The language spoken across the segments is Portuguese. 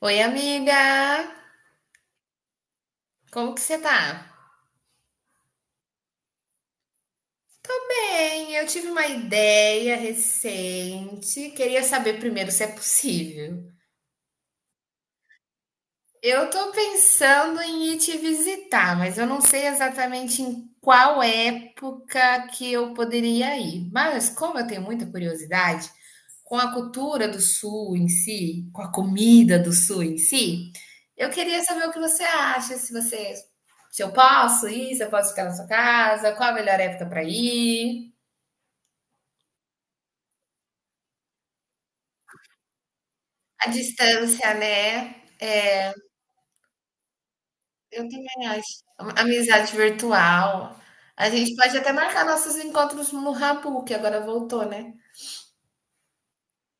Oi, amiga! Como que você tá? Bem, eu tive uma ideia recente. Queria saber primeiro se é possível. Eu tô pensando em ir te visitar, mas eu não sei exatamente em qual época que eu poderia ir. Mas como eu tenho muita curiosidade com a cultura do Sul em si, com a comida do Sul em si, eu queria saber o que você acha, se você, se eu posso ir, se eu posso ficar na sua casa, qual a melhor época para ir, a distância, né? Eu também acho. Amizade virtual. A gente pode até marcar nossos encontros no Rabu, que agora voltou, né?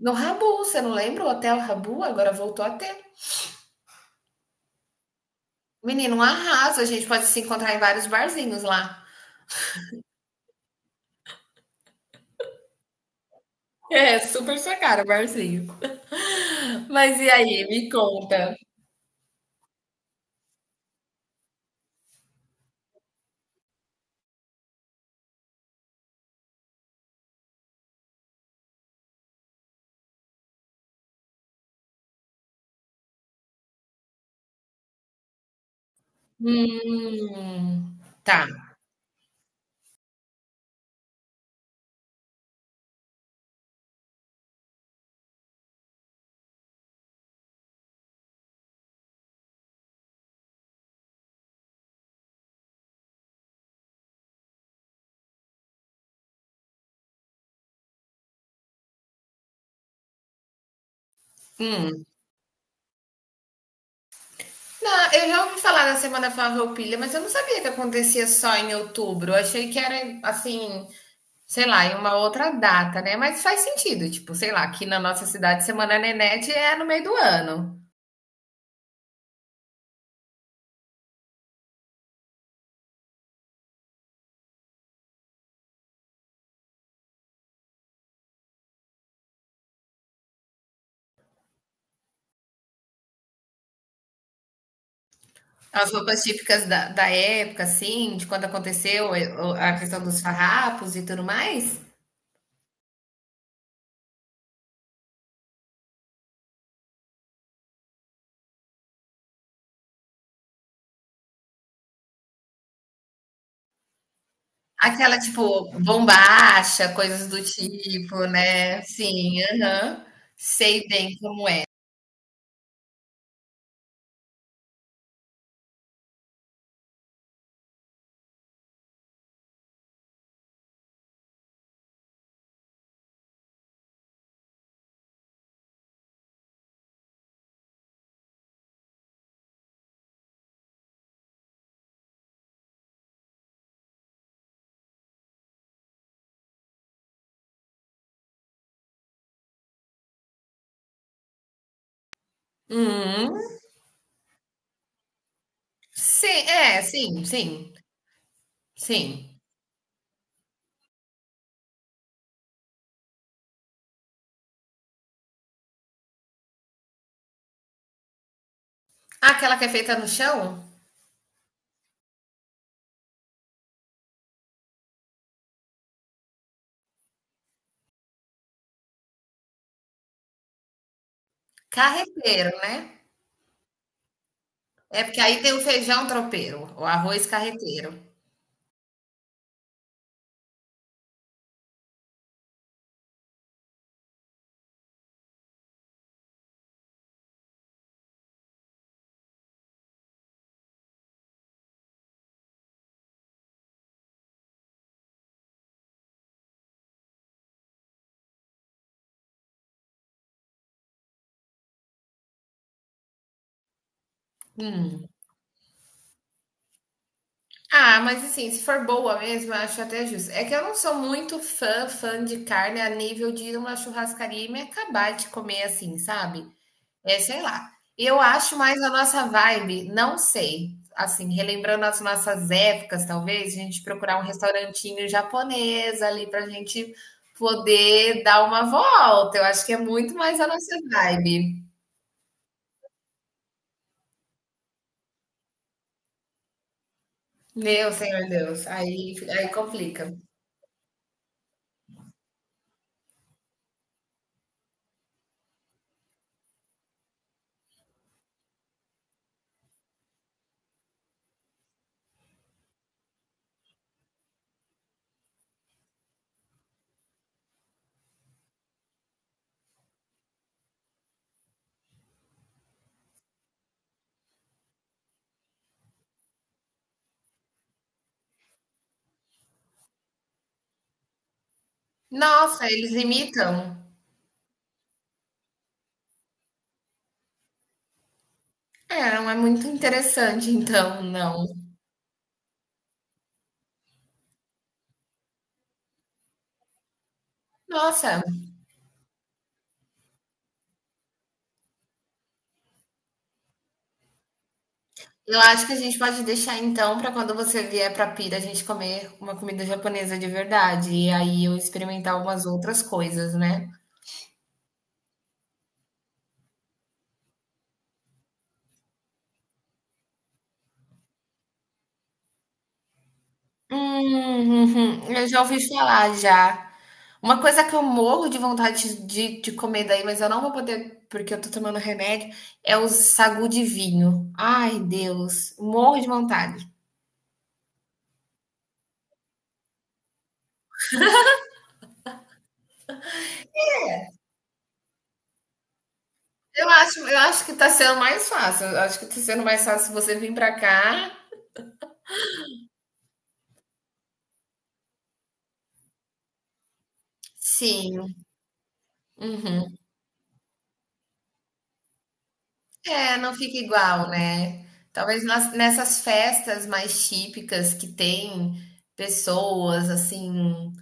No Rabu, você não lembra? O Hotel Rabu agora voltou a ter. Menino, um arraso. A gente pode se encontrar em vários barzinhos lá. É, super sua cara, barzinho. Mas e aí, me conta. Tá. Hum. Não, eu já ouvi falar da Semana Farroupilha, mas eu não sabia que acontecia só em outubro. Eu achei que era assim, sei lá, em uma outra data, né, mas faz sentido, tipo, sei lá, aqui na nossa cidade Semana Nenete é no meio do ano. As roupas típicas da época, assim, de quando aconteceu, o a questão dos farrapos e tudo mais. Aquela, tipo, bombacha, coisas do tipo, né. Sim, aham. Sei bem como é. Uhum. Sim, é, sim, sim, sim. Aquela que é feita no chão? Carreteiro, né. É porque aí tem o feijão tropeiro, o arroz carreteiro. Hum. Ah, mas assim, se for boa mesmo, eu acho até justo. É que eu não sou muito fã de carne a nível de ir numa churrascaria e me acabar de comer assim, sabe? É, sei lá. Eu acho mais a nossa vibe, não sei. Assim, relembrando as nossas épocas, talvez, a gente procurar um restaurantinho japonês ali pra gente poder dar uma volta. Eu acho que é muito mais a nossa vibe. Meu Senhor Deus, aí, aí complica. Nossa, eles imitam. É, não é muito interessante, então, não. Nossa, eu acho que a gente pode deixar então para quando você vier para Pira a gente comer uma comida japonesa de verdade e aí eu experimentar algumas outras coisas, né? Hum, uhum, eu já ouvi falar já. Uma coisa que eu morro de vontade de comer daí, mas eu não vou poder porque eu tô tomando remédio, é o sagu de vinho. Ai, Deus, morro de vontade. Eu acho que tá sendo mais fácil. Eu acho que tá sendo mais fácil você vir pra cá. Sim. Uhum. É, não fica igual, né. Talvez nas nessas festas mais típicas que tem pessoas, assim,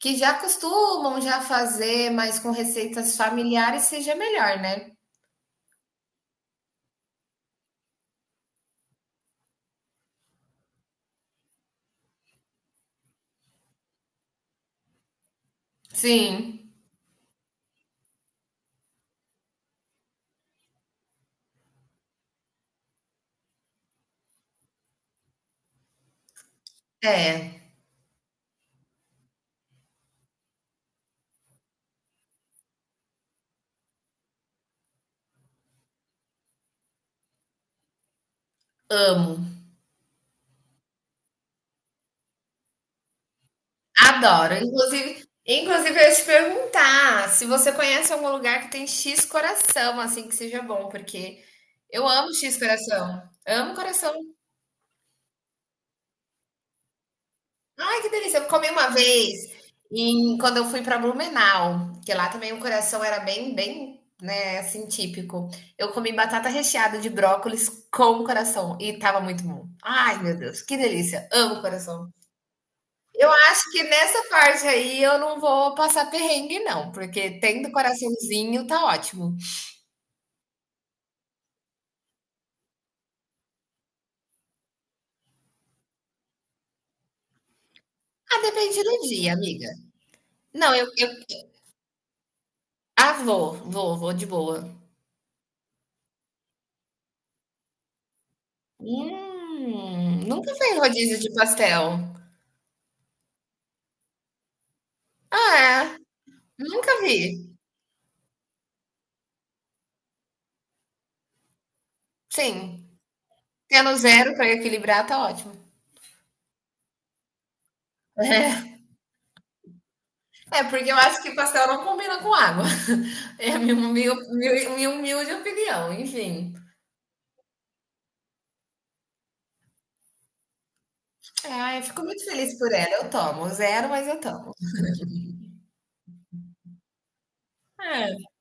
que já costumam já fazer, mas com receitas familiares seja melhor, né. Sim. É, amo, adoro. Inclusive eu ia te perguntar se você conhece algum lugar que tem x coração, assim, que seja bom, porque eu amo x coração. Amo coração. Ai, que delícia! Eu comi uma vez em, quando eu fui para Blumenau, que lá também o coração era bem, bem, né, assim, típico. Eu comi batata recheada de brócolis com coração e tava muito bom. Ai, meu Deus, que delícia! Amo coração. Eu acho que nessa parte aí eu não vou passar perrengue, não, porque tendo coraçãozinho tá ótimo. Ah, depende do dia, amiga. Não, eu... Ah, vou de boa. Nunca fez rodízio de pastel. Ah, é. Nunca vi. Sim. Tendo zero para equilibrar, tá ótimo. É, porque eu acho que pastel não combina com água. É a minha humilde opinião, enfim. Ah, eu fico muito feliz por ela. Eu tomo zero, mas eu tomo. É.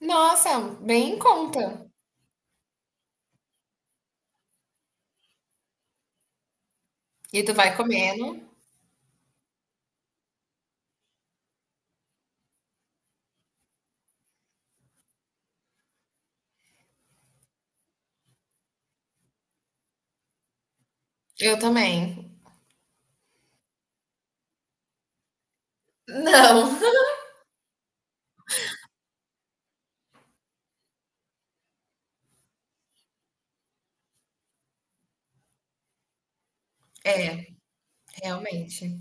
Nossa, bem em conta. E tu vai comendo? Eu também. Não, realmente.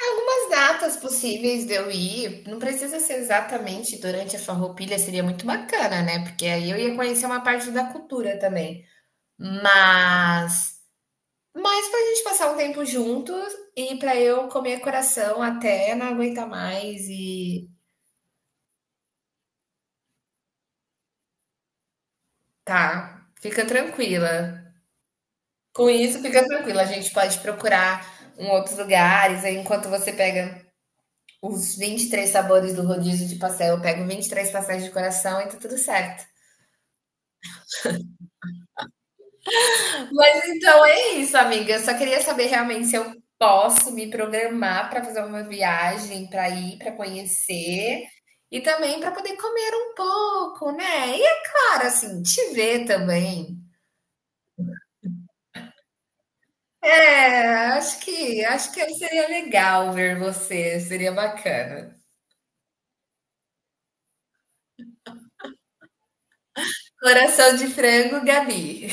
Algumas datas possíveis de eu ir, não precisa ser exatamente durante a Farroupilha, seria muito bacana, né? Porque aí eu ia conhecer uma parte da cultura também. Mas, mas pra gente passar um tempo juntos e pra eu comer coração até não aguentar mais e tá, fica tranquila. Com isso, fica tranquila. A gente pode procurar em outros lugares. Aí, enquanto você pega os 23 sabores do rodízio de pastel, eu pego 23 pastéis de coração e tá tudo certo. Mas então é isso, amiga. Eu só queria saber realmente se eu posso me programar para fazer uma viagem, para ir, para conhecer e também para poder comer um pouco, né? E é claro, assim, te ver também. É, acho que seria legal ver você, seria bacana. Coração de frango, Gabi.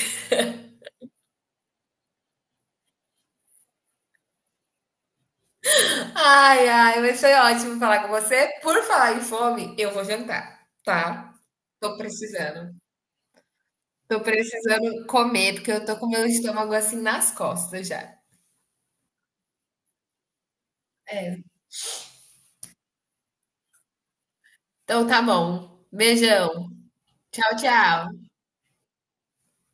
Ai, ai, mas foi ótimo falar com você. Por falar em fome, eu vou jantar, tá? Tô precisando. Tô precisando comer, porque eu tô com meu estômago assim nas costas já. É. Então tá bom. Beijão. Tchau, tchau.